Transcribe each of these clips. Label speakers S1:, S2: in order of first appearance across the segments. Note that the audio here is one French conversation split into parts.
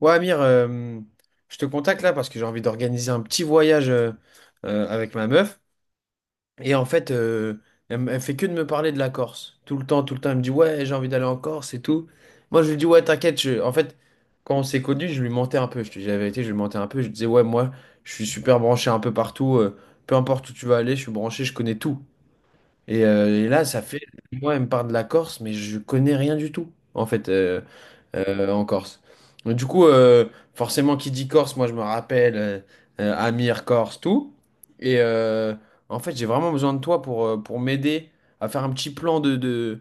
S1: Ouais, Amir, je te contacte là parce que j'ai envie d'organiser un petit voyage avec ma meuf. Et en fait, elle fait que de me parler de la Corse. Tout le temps, elle me dit, ouais, j'ai envie d'aller en Corse et tout. Moi, je lui dis, ouais, t'inquiète. En fait, quand on s'est connus, je lui mentais un peu. Je te dis la vérité, je lui mentais un peu. Je lui disais, ouais, moi, je suis super branché un peu partout. Peu importe où tu vas aller, je suis branché, je connais tout. Et là, ça fait, moi, elle me parle de la Corse, mais je connais rien du tout, en fait. En Corse. Donc, du coup, forcément, qui dit Corse, moi je me rappelle Amir, Corse, tout. Et euh, En fait, j'ai vraiment besoin de toi pour, m'aider à faire un petit plan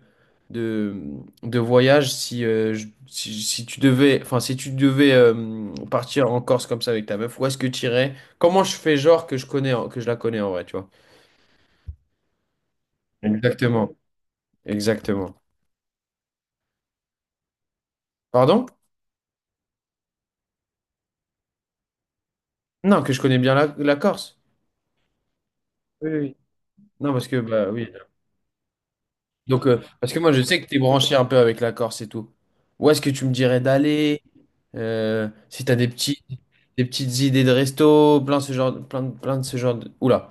S1: de, de voyage. Si tu devais, enfin, si tu devais partir en Corse comme ça avec ta meuf, où est-ce que tu irais? Comment je fais genre que je connais, que je la connais en vrai, tu vois? Exactement, exactement. Pardon? Non, que je connais bien la Corse. Oui, oui. Non, parce que, bah oui. Donc, parce que moi, je sais que tu es branché un peu avec la Corse et tout. Où est-ce que tu me dirais d'aller? Si tu as des petites idées de resto, plein de ce genre de... Oula.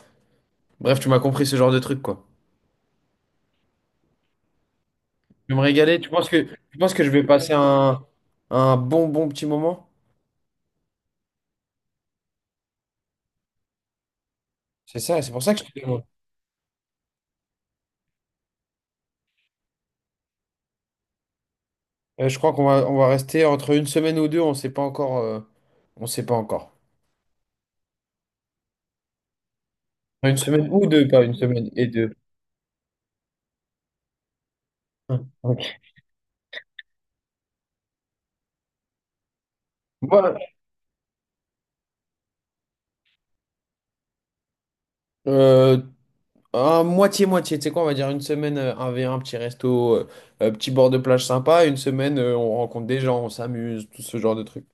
S1: Bref, tu m'as compris ce genre de truc, quoi. Je vais me régaler. Tu penses que je vais passer un bon, bon petit moment? C'est ça, c'est pour ça que je te demande. Je crois qu'on va rester entre une semaine ou deux, on sait pas encore. On sait pas encore. Une semaine ou deux, pas une semaine et deux. Ah, ok. Voilà. Moitié-moitié, tu sais quoi, on va dire une semaine 1v1, petit resto, petit bord de plage sympa, une semaine on rencontre des gens, on s'amuse, tout ce genre de trucs.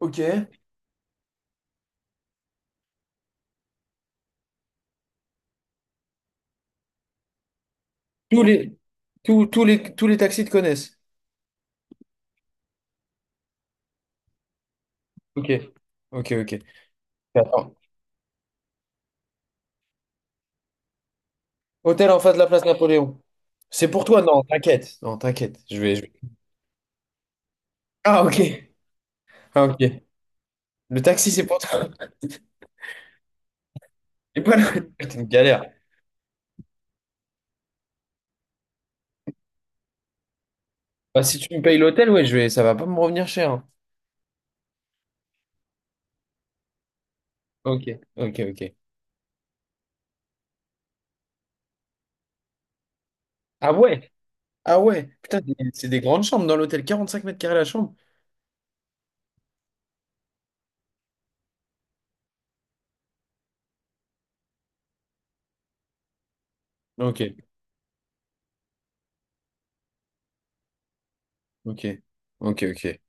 S1: Ok. Tous les, tous les taxis te connaissent. Ok. Ok, ok. Attends. Hôtel en face de la place Napoléon. C'est pour toi, non, t'inquiète. Non, t'inquiète. Ah, ok. Ah, ok. Le taxi, c'est pour toi. C'est pas le- C'est une galère. Bah, si tu me payes l'hôtel, ouais, je vais. Ça va pas me revenir cher, hein. Ok, ok, ok. Ah ouais? Ah ouais, putain, c'est des grandes chambres dans l'hôtel, 45 m² la chambre. Ah, ok, ok, ok, ok.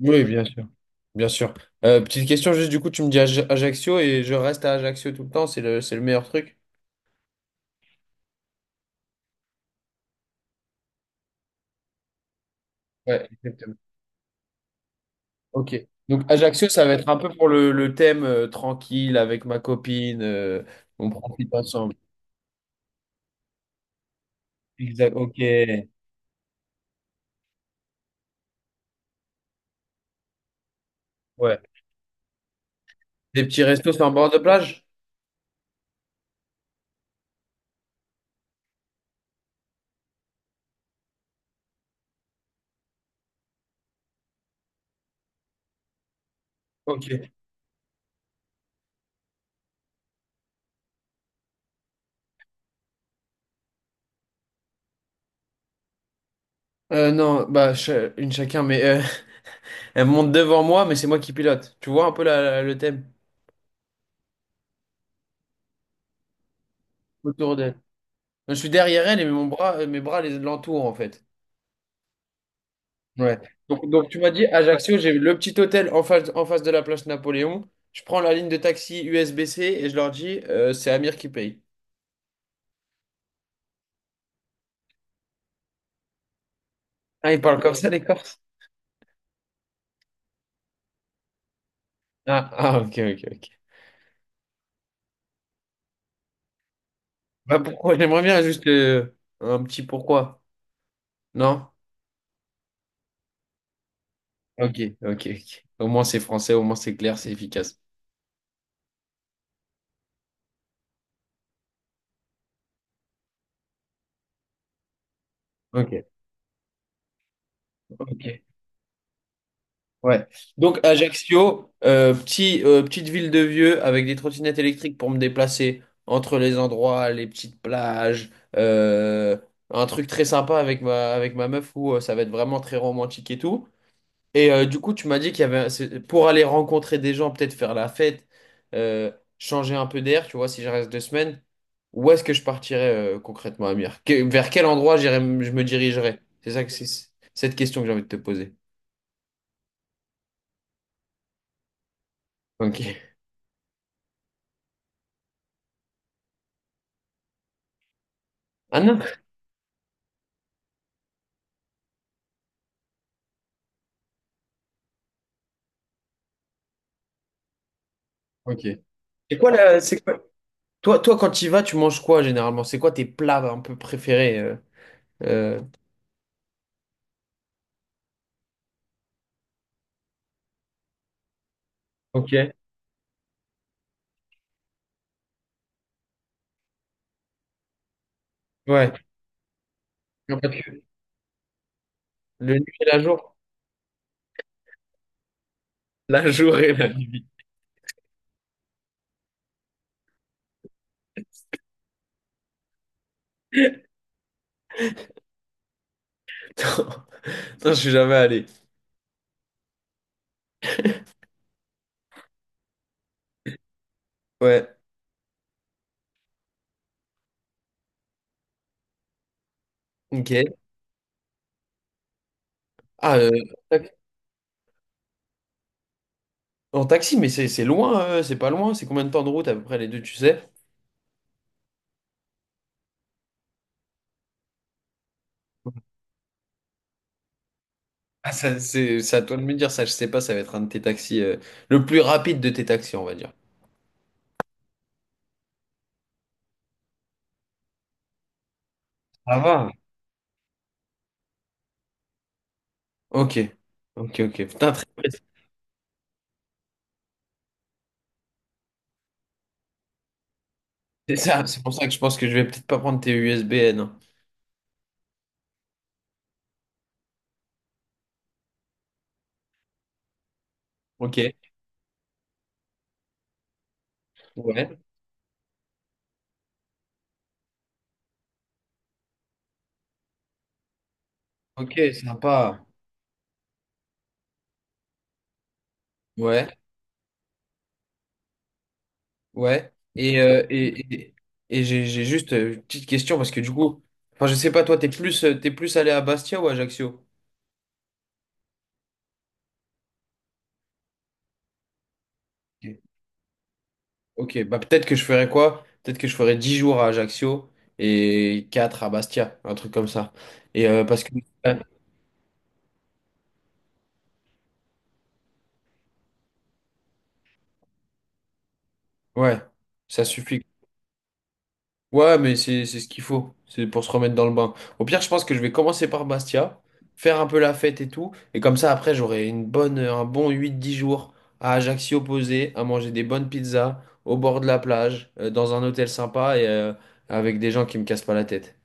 S1: Oui, bien sûr. Bien sûr. Petite question, juste du coup, tu me dis Ajaccio et je reste à Ajaccio tout le temps, c'est le, meilleur truc. Ouais, exactement. Ok. Donc Ajaccio, ça va être un peu pour le thème tranquille avec ma copine, on profite ensemble. Exact, ok. Ouais. Des petits restos sur un bord de plage? Ok. Non, bah, une chacun, mais elle monte devant moi, mais c'est moi qui pilote. Tu vois un peu le thème? Autour d'elle. Enfin, je suis derrière elle et mon bras, mes bras les l'entourent en fait. Ouais. Donc tu m'as dit Ajaccio, j'ai le petit hôtel en face de la place Napoléon. Je prends la ligne de taxi USB-C et je leur dis c'est Amir qui paye. Ah, ils parlent comme ça les Corses? Ah, ah, ok, ok, ok. Bah pourquoi? J'aimerais bien juste un petit pourquoi. Non? Ok, ok, ok. Au moins c'est français, au moins c'est clair, c'est efficace. Ok. Ok. Ouais. Donc Ajaccio, petite ville de vieux avec des trottinettes électriques pour me déplacer entre les endroits, les petites plages, euh, un truc très sympa avec ma meuf où ça va être vraiment très romantique et tout. Du coup, tu m'as dit qu'il y avait pour aller rencontrer des gens, peut-être faire la fête, euh, changer un peu d'air, tu vois, si je reste 2 semaines, où est-ce que je partirais concrètement, Amir? Vers quel endroit j'irais, je me dirigerais? C'est ça, que c'est cette question que j'ai envie de te poser. Ok. Ah non? Ok. C'est quoi la, c'est quoi- toi quand tu y vas, tu manges quoi généralement? C'est quoi tes plats un peu préférés? Euh, Ok. Ouais. Non, parce que... Le nuit et la jour. La journée et la nuit. Non, non, je suis jamais allé. Ouais. Ok. Ah, tac- en taxi, mais c'est loin, c'est pas loin. C'est combien de temps de route à peu près les deux, tu sais? Ah, ça, c'est à toi de me dire ça. Je sais pas, ça va être un de tes taxis, le plus rapide de tes taxis, on va dire. Ça va. Ok. Ok, ok. Putain, très précis. C'est ça, c'est pour ça que je pense que je vais peut-être pas prendre tes USBN. Ok, ouais, ok, sympa, ouais, ouais. Et j'ai juste une petite question parce que du coup, enfin, je sais pas, toi, t'es plus allé à Bastia ou à Ajaccio? Ok, Ok, bah peut-être que je ferais quoi? Peut-être que je ferais 10 jours à Ajaccio et 4 à Bastia, un truc comme ça. Parce que, ouais, ça suffit. Ouais, mais c'est ce qu'il faut. C'est pour se remettre dans le bain. Au pire, je pense que je vais commencer par Bastia, faire un peu la fête et tout. Et comme ça, après, j'aurai un bon 8-10 jours à Ajaccio posé, à manger des bonnes pizzas, au bord de la plage, dans un hôtel sympa et avec des gens qui me cassent pas la tête.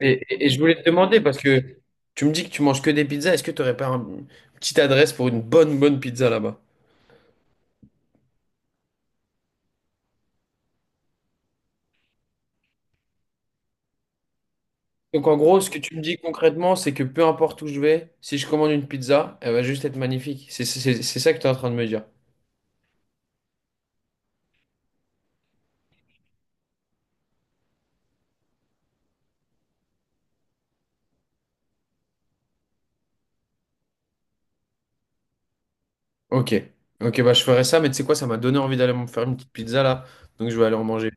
S1: Et je voulais te demander, parce que tu me dis que tu manges que des pizzas, est-ce que tu n'aurais pas une petite adresse pour une bonne, bonne pizza là-bas? Donc en gros, ce que tu me dis concrètement, c'est que peu importe où je vais, si je commande une pizza, elle va juste être magnifique. C'est ça que tu es en train de me dire. Ok. Ok, bah je ferai ça, mais tu sais quoi, ça m'a donné envie d'aller me faire une petite pizza là. Donc je vais aller en manger.